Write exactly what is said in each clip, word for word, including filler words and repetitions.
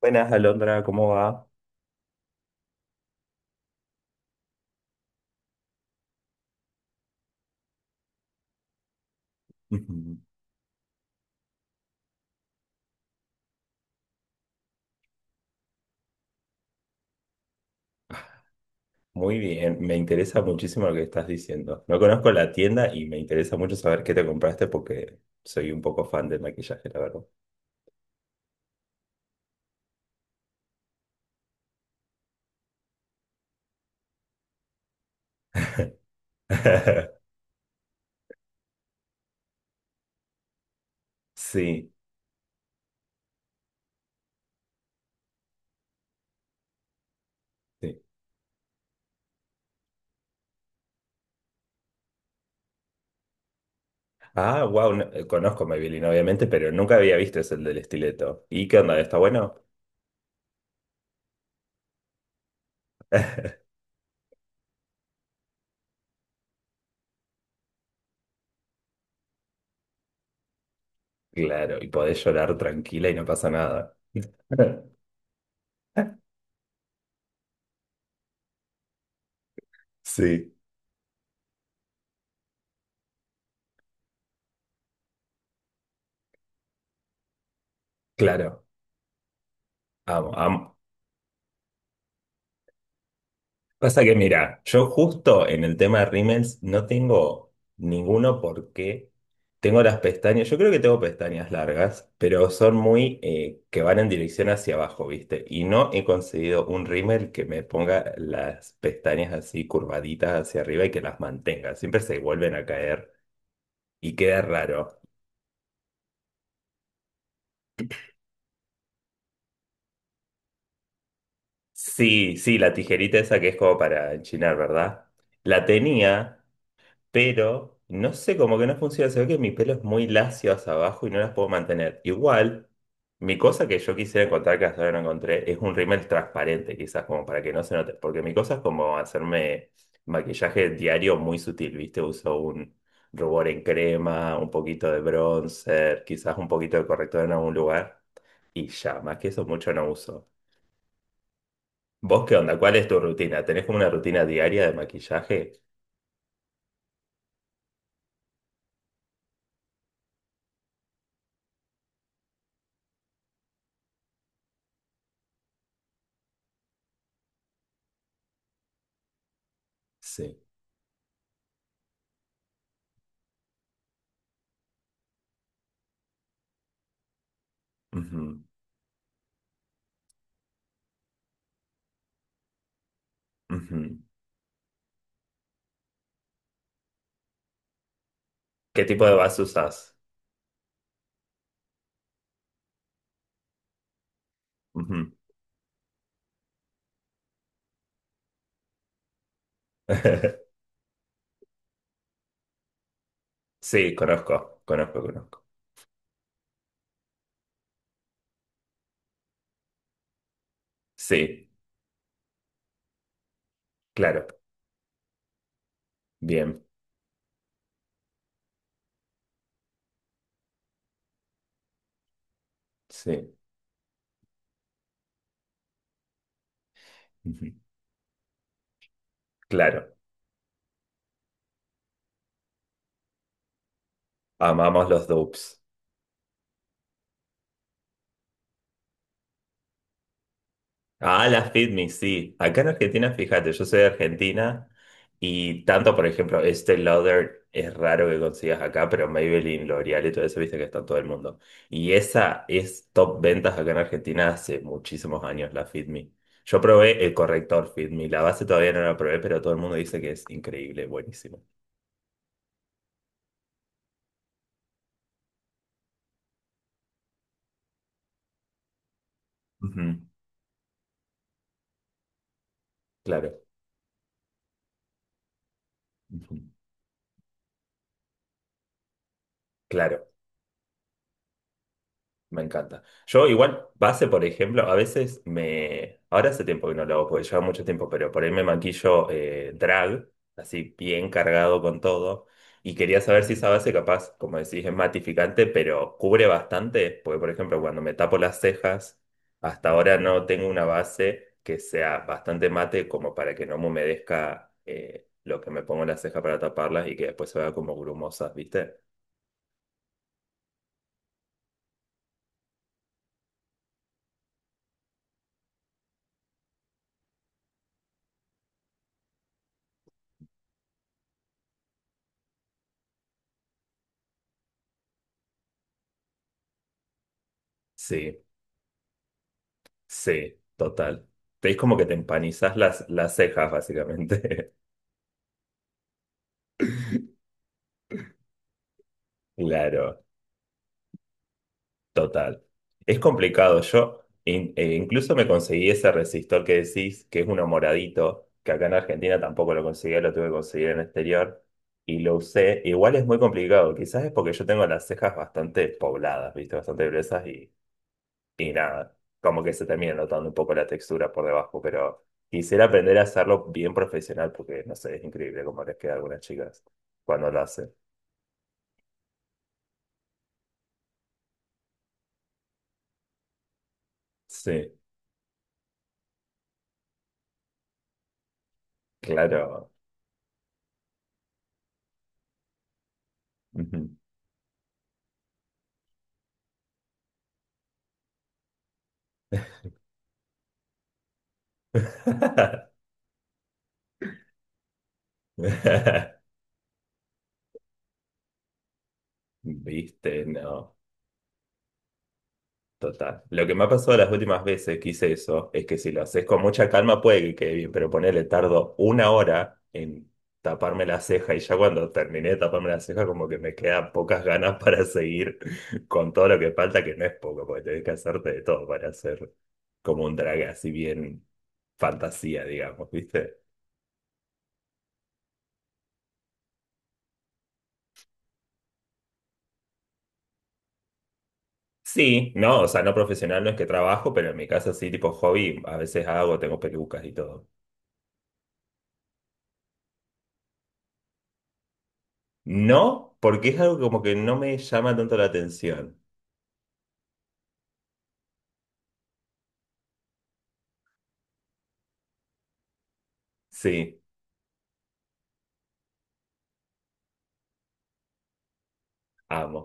Buenas, Alondra, ¿cómo va? Muy bien, me interesa muchísimo lo que estás diciendo. No conozco la tienda y me interesa mucho saber qué te compraste porque soy un poco fan del maquillaje, la verdad. Sí, sí. Ah, wow, conozco Maybelline, obviamente, pero nunca había visto ese del estileto. ¿Y qué onda? ¿Está bueno? Claro, y podés llorar tranquila y no pasa nada. Sí, claro. Amo, amo. Pasa que mira, yo justo en el tema de rímels no tengo ninguno porque tengo las pestañas, yo creo que tengo pestañas largas, pero son muy eh, que van en dirección hacia abajo, ¿viste? Y no he conseguido un rímel que me ponga las pestañas así curvaditas hacia arriba y que las mantenga. Siempre se vuelven a caer y queda raro. Sí, sí, la tijerita esa que es como para enchinar, ¿verdad? La tenía, pero no sé, como que no funciona. Se ve que mi pelo es muy lacio hacia abajo y no las puedo mantener. Igual, mi cosa que yo quisiera encontrar, que hasta ahora no encontré, es un rímel transparente, quizás, como para que no se note. Porque mi cosa es como hacerme maquillaje diario muy sutil, ¿viste? Uso un rubor en crema, un poquito de bronzer, quizás un poquito de corrector en algún lugar. Y ya, más que eso, mucho no uso. ¿Vos qué onda? ¿Cuál es tu rutina? ¿Tenés como una rutina diaria de maquillaje? Sí. Ujú, ujú. ¿Qué tipo de vas usas? Ujú. Sí, conozco, conozco, conozco. Sí, claro, bien, sí, ujú, claro, amamos los dupes. Ah, las FitMe, sí. Acá en Argentina, fíjate, yo soy de Argentina y tanto, por ejemplo, este Lauder es raro que consigas acá, pero Maybelline, L'Oreal y todo eso, viste que está en todo el mundo. Y esa es top ventas acá en Argentina hace muchísimos años, la FitMe. Yo probé el corrector FitMe, la base todavía no la probé, pero todo el mundo dice que es increíble, buenísimo. Ujú, claro, ujú, claro. Me encanta. Yo igual, base, por ejemplo, a veces me... Ahora hace tiempo que no lo hago, porque lleva mucho tiempo, pero por ahí me maquillo eh, drag, así bien cargado con todo. Y quería saber si esa base capaz, como decís, es matificante, pero cubre bastante, porque por ejemplo, cuando me tapo las cejas, hasta ahora no tengo una base que sea bastante mate como para que no me humedezca eh, lo que me pongo en las cejas para taparlas y que después se vea como grumosas, ¿viste? Sí. Sí, total. Te es como que te empanizás las, las cejas, básicamente. Claro, total. Es complicado. Yo in- eh, incluso me conseguí ese resistor que decís, que es uno moradito, que acá en Argentina tampoco lo conseguía, lo tuve que conseguir en el exterior, y lo usé. Igual es muy complicado. Quizás es porque yo tengo las cejas bastante pobladas, ¿viste? Bastante gruesas. Y nada, como que se termina notando un poco la textura por debajo, pero quisiera aprender a hacerlo bien profesional porque, no sé, es increíble cómo les queda a algunas chicas cuando lo hacen. Sí, claro. Ujú. ¿Viste? No. Total. Lo que me ha pasado las últimas veces que hice eso es que si lo haces con mucha calma puede que quede bien, pero ponele tardo una hora en taparme la ceja y ya cuando terminé de taparme la ceja como que me quedan pocas ganas para seguir con todo lo que falta, que no es poco, porque tenés que hacerte de todo para hacer como un drag así bien fantasía, digamos, ¿viste? Sí, no, o sea, no profesional no es que trabajo, pero en mi casa sí, tipo hobby, a veces hago, tengo pelucas y todo. No, porque es algo como que no me llama tanto la atención. Sí, amo,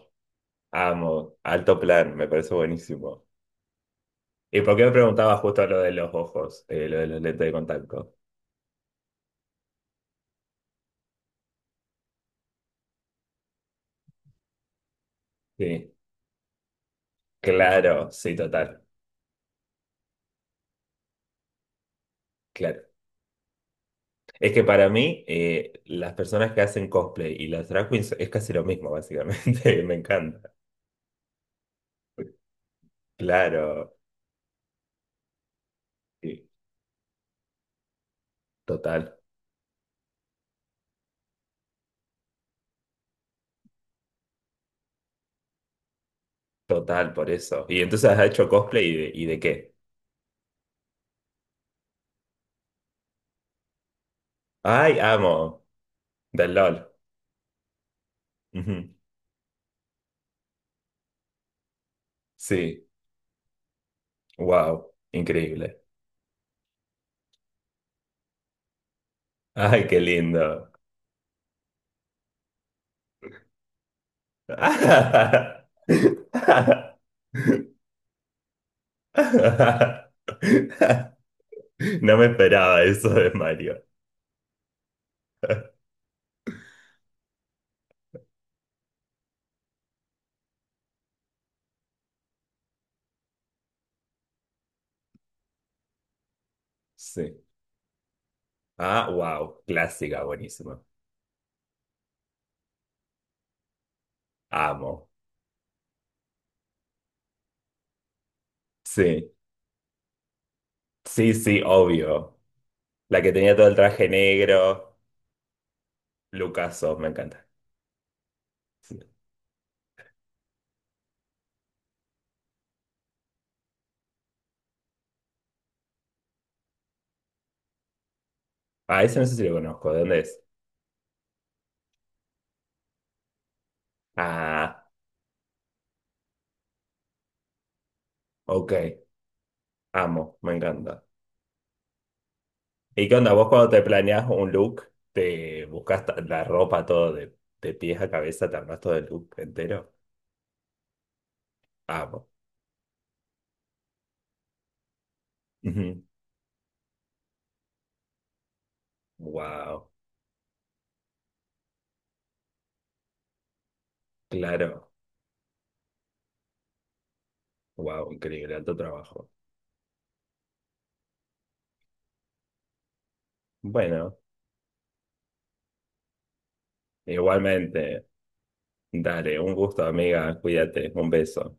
amo, alto plan, me parece buenísimo. ¿Y por qué me preguntabas justo lo de los ojos, eh, lo de los lentes de contacto? Sí, claro, sí, total, claro. Es que para mí, eh, las personas que hacen cosplay y las drag queens es casi lo mismo, básicamente, me encanta. Claro, sí, total, total, por eso. ¿Y entonces has hecho cosplay y de, y de qué? Ay, amo, del L O L. Ujú. Sí, wow, increíble. Ay, qué lindo. No me esperaba eso de Mario. Sí. Ah, wow, clásica, buenísima. Amo. Sí, sí, sí, obvio. La que tenía todo el traje negro, lucaso, me encanta. Sí. Ah, ese no sé si lo conozco, ¿de dónde es? Ah, ok, amo, me encanta. ¿Y qué onda? ¿Vos cuando te planeas un look, te buscas ta- la ropa todo de, de pies a cabeza, te armas todo el look entero? Amo. Wow, claro. Wow, increíble, alto trabajo. Bueno, igualmente. Dale, un gusto, amiga. Cuídate. Un beso.